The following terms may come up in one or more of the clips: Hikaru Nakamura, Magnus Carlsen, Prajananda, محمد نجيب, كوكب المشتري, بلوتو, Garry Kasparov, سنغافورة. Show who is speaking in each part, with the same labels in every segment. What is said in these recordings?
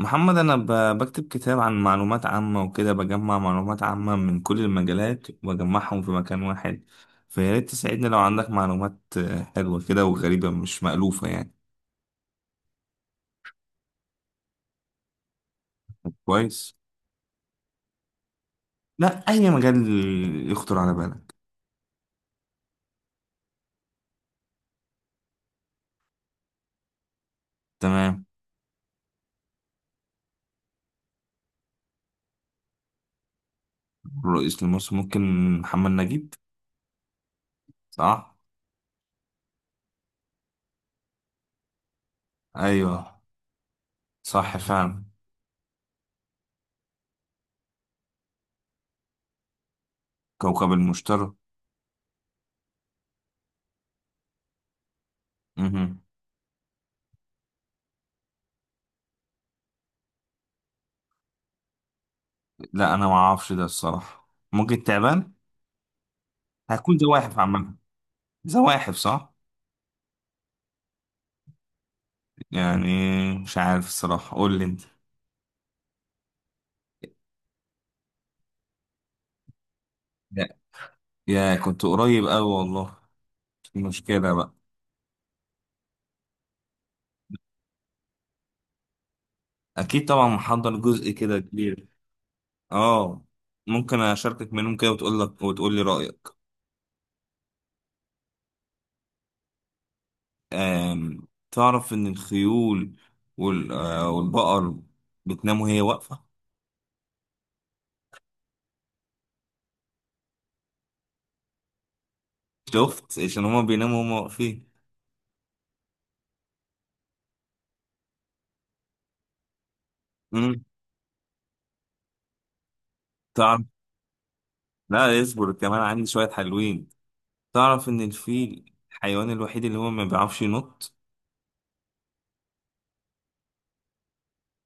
Speaker 1: محمد، أنا بكتب كتاب عن معلومات عامة وكده بجمع معلومات عامة من كل المجالات وأجمعهم في مكان واحد. فيا ريت تساعدني لو عندك معلومات حلوة كده وغريبة مش مألوفة يعني. كويس. لا، أي مجال يخطر على بالك. تمام. رئيس لمصر، ممكن محمد نجيب. صح. أيوه. صح فعلا. كوكب المشتري. مهم. لا أنا معرفش ده الصراحة، ممكن تعبان. هكون زواحف عامة. زواحف صح. يعني مش عارف الصراحة، قول لي انت. يا يا كنت قريب أوي والله. المشكلة بقى. أكيد طبعا، محضر جزء كده كبير. اه. ممكن أشاركك منهم كده وتقول لك وتقول لي رأيك. تعرف إن الخيول والبقر بتنام وهي واقفة؟ شفت، عشان هما بيناموا هما واقفين. مم. تعرف. لا اصبر، كمان عندي شوية حلوين. تعرف إن الفيل الحيوان الوحيد اللي هو ما بيعرفش ينط؟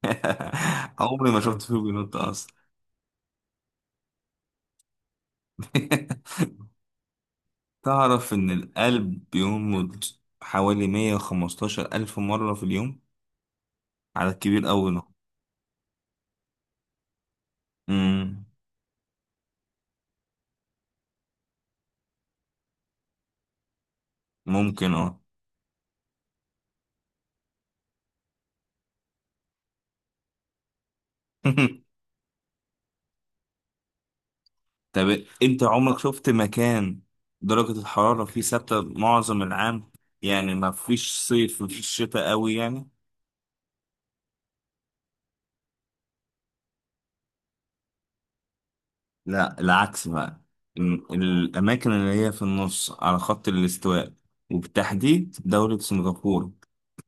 Speaker 1: عمري ما شفت فيه بينط اصلا. تعرف ان القلب بينبض حوالي 115 الف مرة في اليوم؟ على الكبير قوي ده. امم. ممكن اه. طب انت عمرك شفت مكان درجة الحرارة فيه ثابتة معظم العام؟ يعني ما فيش صيف ما فيش شتاء قوي يعني. لا العكس بقى. الأماكن اللي هي في النص على خط الاستواء، وبالتحديد دولة سنغافورة،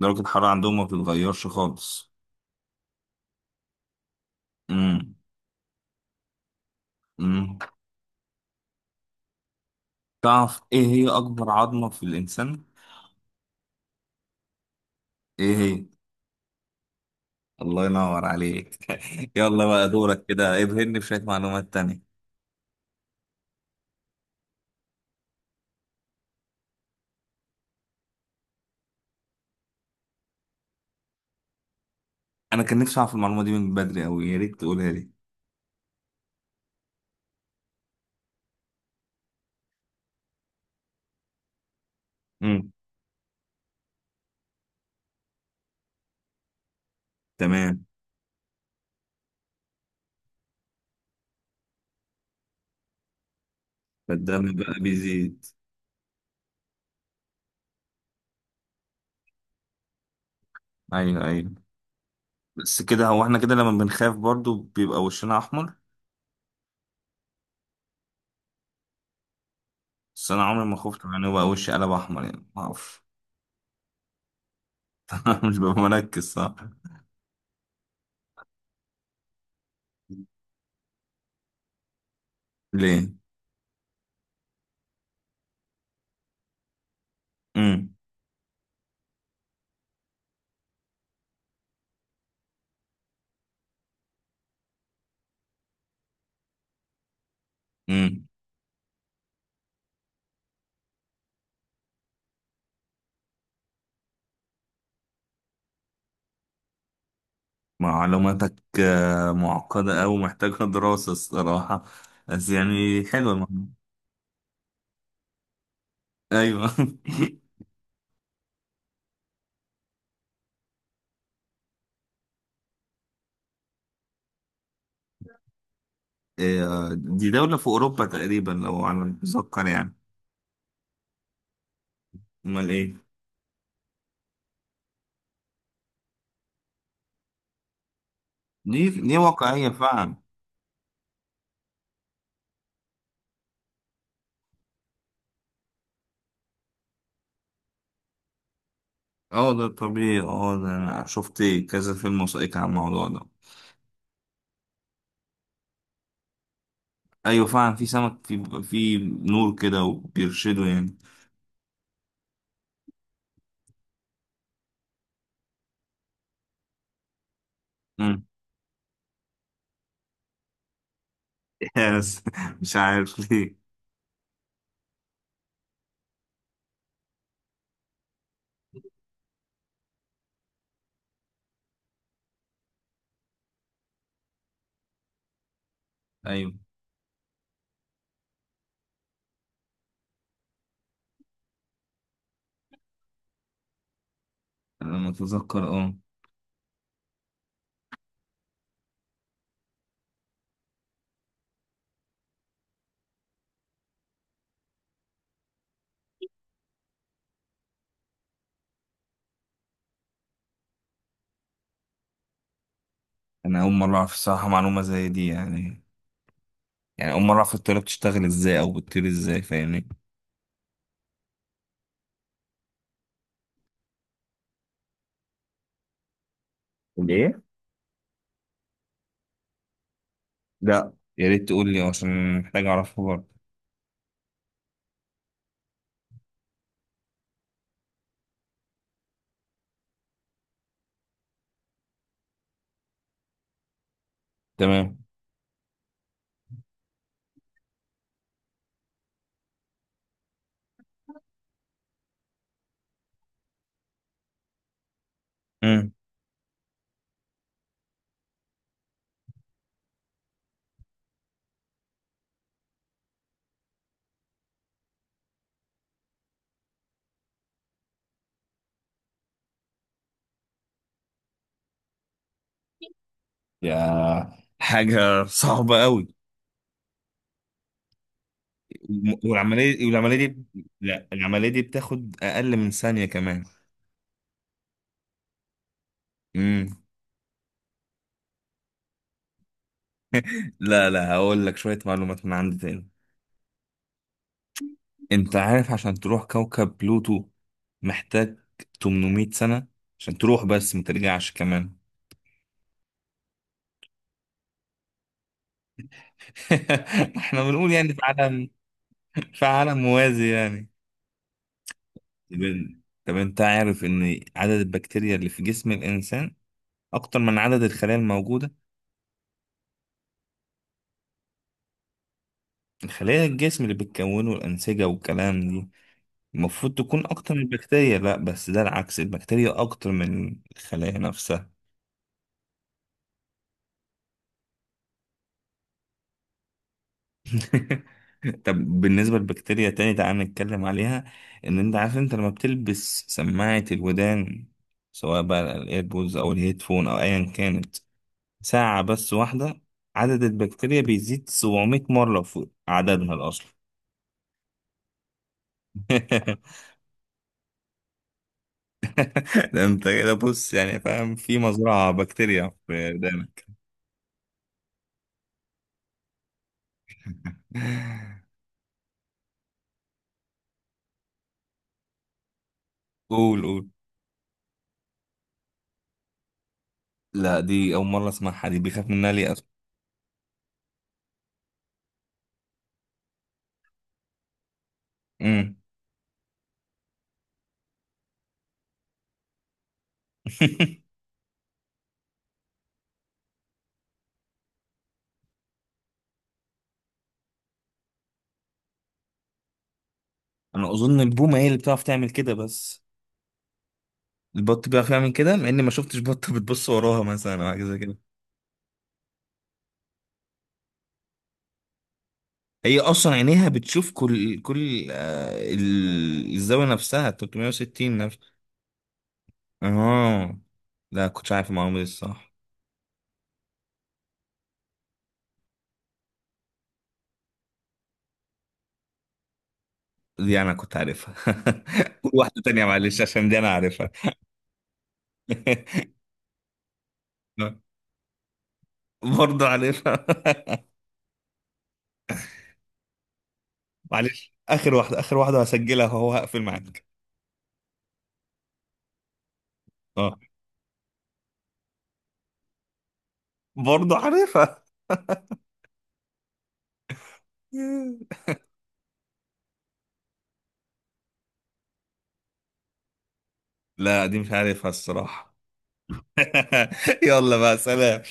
Speaker 1: درجة الحرارة عندهم ما بتتغيرش خالص. امم. امم. تعرف ايه هي أكبر عظمة في الإنسان؟ ايه هي؟ الله ينور عليك. يلا بقى دورك، كده ابهرني بشوية معلومات تانية. أنا كان نفسي أعرف المعلومة دي من بدري أوي، يا ريت تقولها لي. امم. تمام. فالدم بقى بيزيد. أيوه أيوه. بس كده هو احنا كده لما بنخاف برضو بيبقى وشنا أحمر. بس انا عمري ما خفت من يبقى وشي قلب احمر يعني، ما اعرفش. مش ببقى مركز، صح. ليه؟ امم. امم. معلوماتك معقدة أوي، محتاجة دراسة الصراحة. بس يعني حلوة المعلومة. أيوة إيه، دي دولة في أوروبا تقريبا لو على ما أتذكر يعني. أمال إيه؟ دي واقعية فعلا. اه ده طبيعي، اه ده أنا شفت كذا فيلم وثائقي عن الموضوع ده. أيوة فعلا، في سمك في نور كده وبيرشده يعني. يس مش عارف ليه. ايوه. انا متذكر اه. انا اول مره اعرف الصراحه معلومه زي دي يعني. يعني اول مره اعرف الطياره بتشتغل ازاي او بتطير ازاي، فاهمني. ليه؟ لا، يا ريت تقول لي عشان محتاج اعرفها برضه. تمام. امم. يا حاجه صعبه قوي. والعمليه دي، لا العمليه دي بتاخد اقل من ثانيه كمان. امم. لا لا، هقول لك شويه معلومات من عندي تاني. انت عارف عشان تروح كوكب بلوتو محتاج 800 سنة عشان تروح، بس ما ترجعش كمان. احنا بنقول يعني في عالم موازي يعني. طب انت عارف ان عدد البكتيريا اللي في جسم الانسان اكتر من عدد الخلايا الموجودة؟ الخلايا الجسم اللي بتكونه الانسجة والكلام دي، المفروض تكون اكتر من البكتيريا، لا بس ده العكس، البكتيريا اكتر من الخلايا نفسها. طب بالنسبة للبكتيريا تاني تعال نتكلم عليها. ان انت عارف انت لما بتلبس سماعة الودان، سواء بقى الايربودز او الهيدفون او ايا كانت، ساعة بس واحدة، عدد البكتيريا بيزيد 700 مرة فوق عددها الأصلي. ده انت كده بص يعني، فاهم، في مزرعة بكتيريا في ودانك. قول قول. لا دي أول مرة أسمعها، دي بيخاف منها ليه أصلا؟ أمم. أنا أظن البومة هي اللي بتعرف تعمل كده بس. البط بيعرف يعمل كده، مع اني ما شفتش بطه بتبص وراها مثلا او حاجه زي كده. هي اصلا عينيها بتشوف كل الزاويه نفسها 360 نفس. اه. لا كنتش عارف المعلومه دي الصح. دي انا كنت عارفها. قول واحده تانية معلش عشان دي انا عارفها. برضه عارفها. معلش اخر واحده، اخر واحده هسجلها وهو هقفل معاك. اه. برضه عارفها. لا دي مش عارفها الصراحه. يلا بقى، سلام.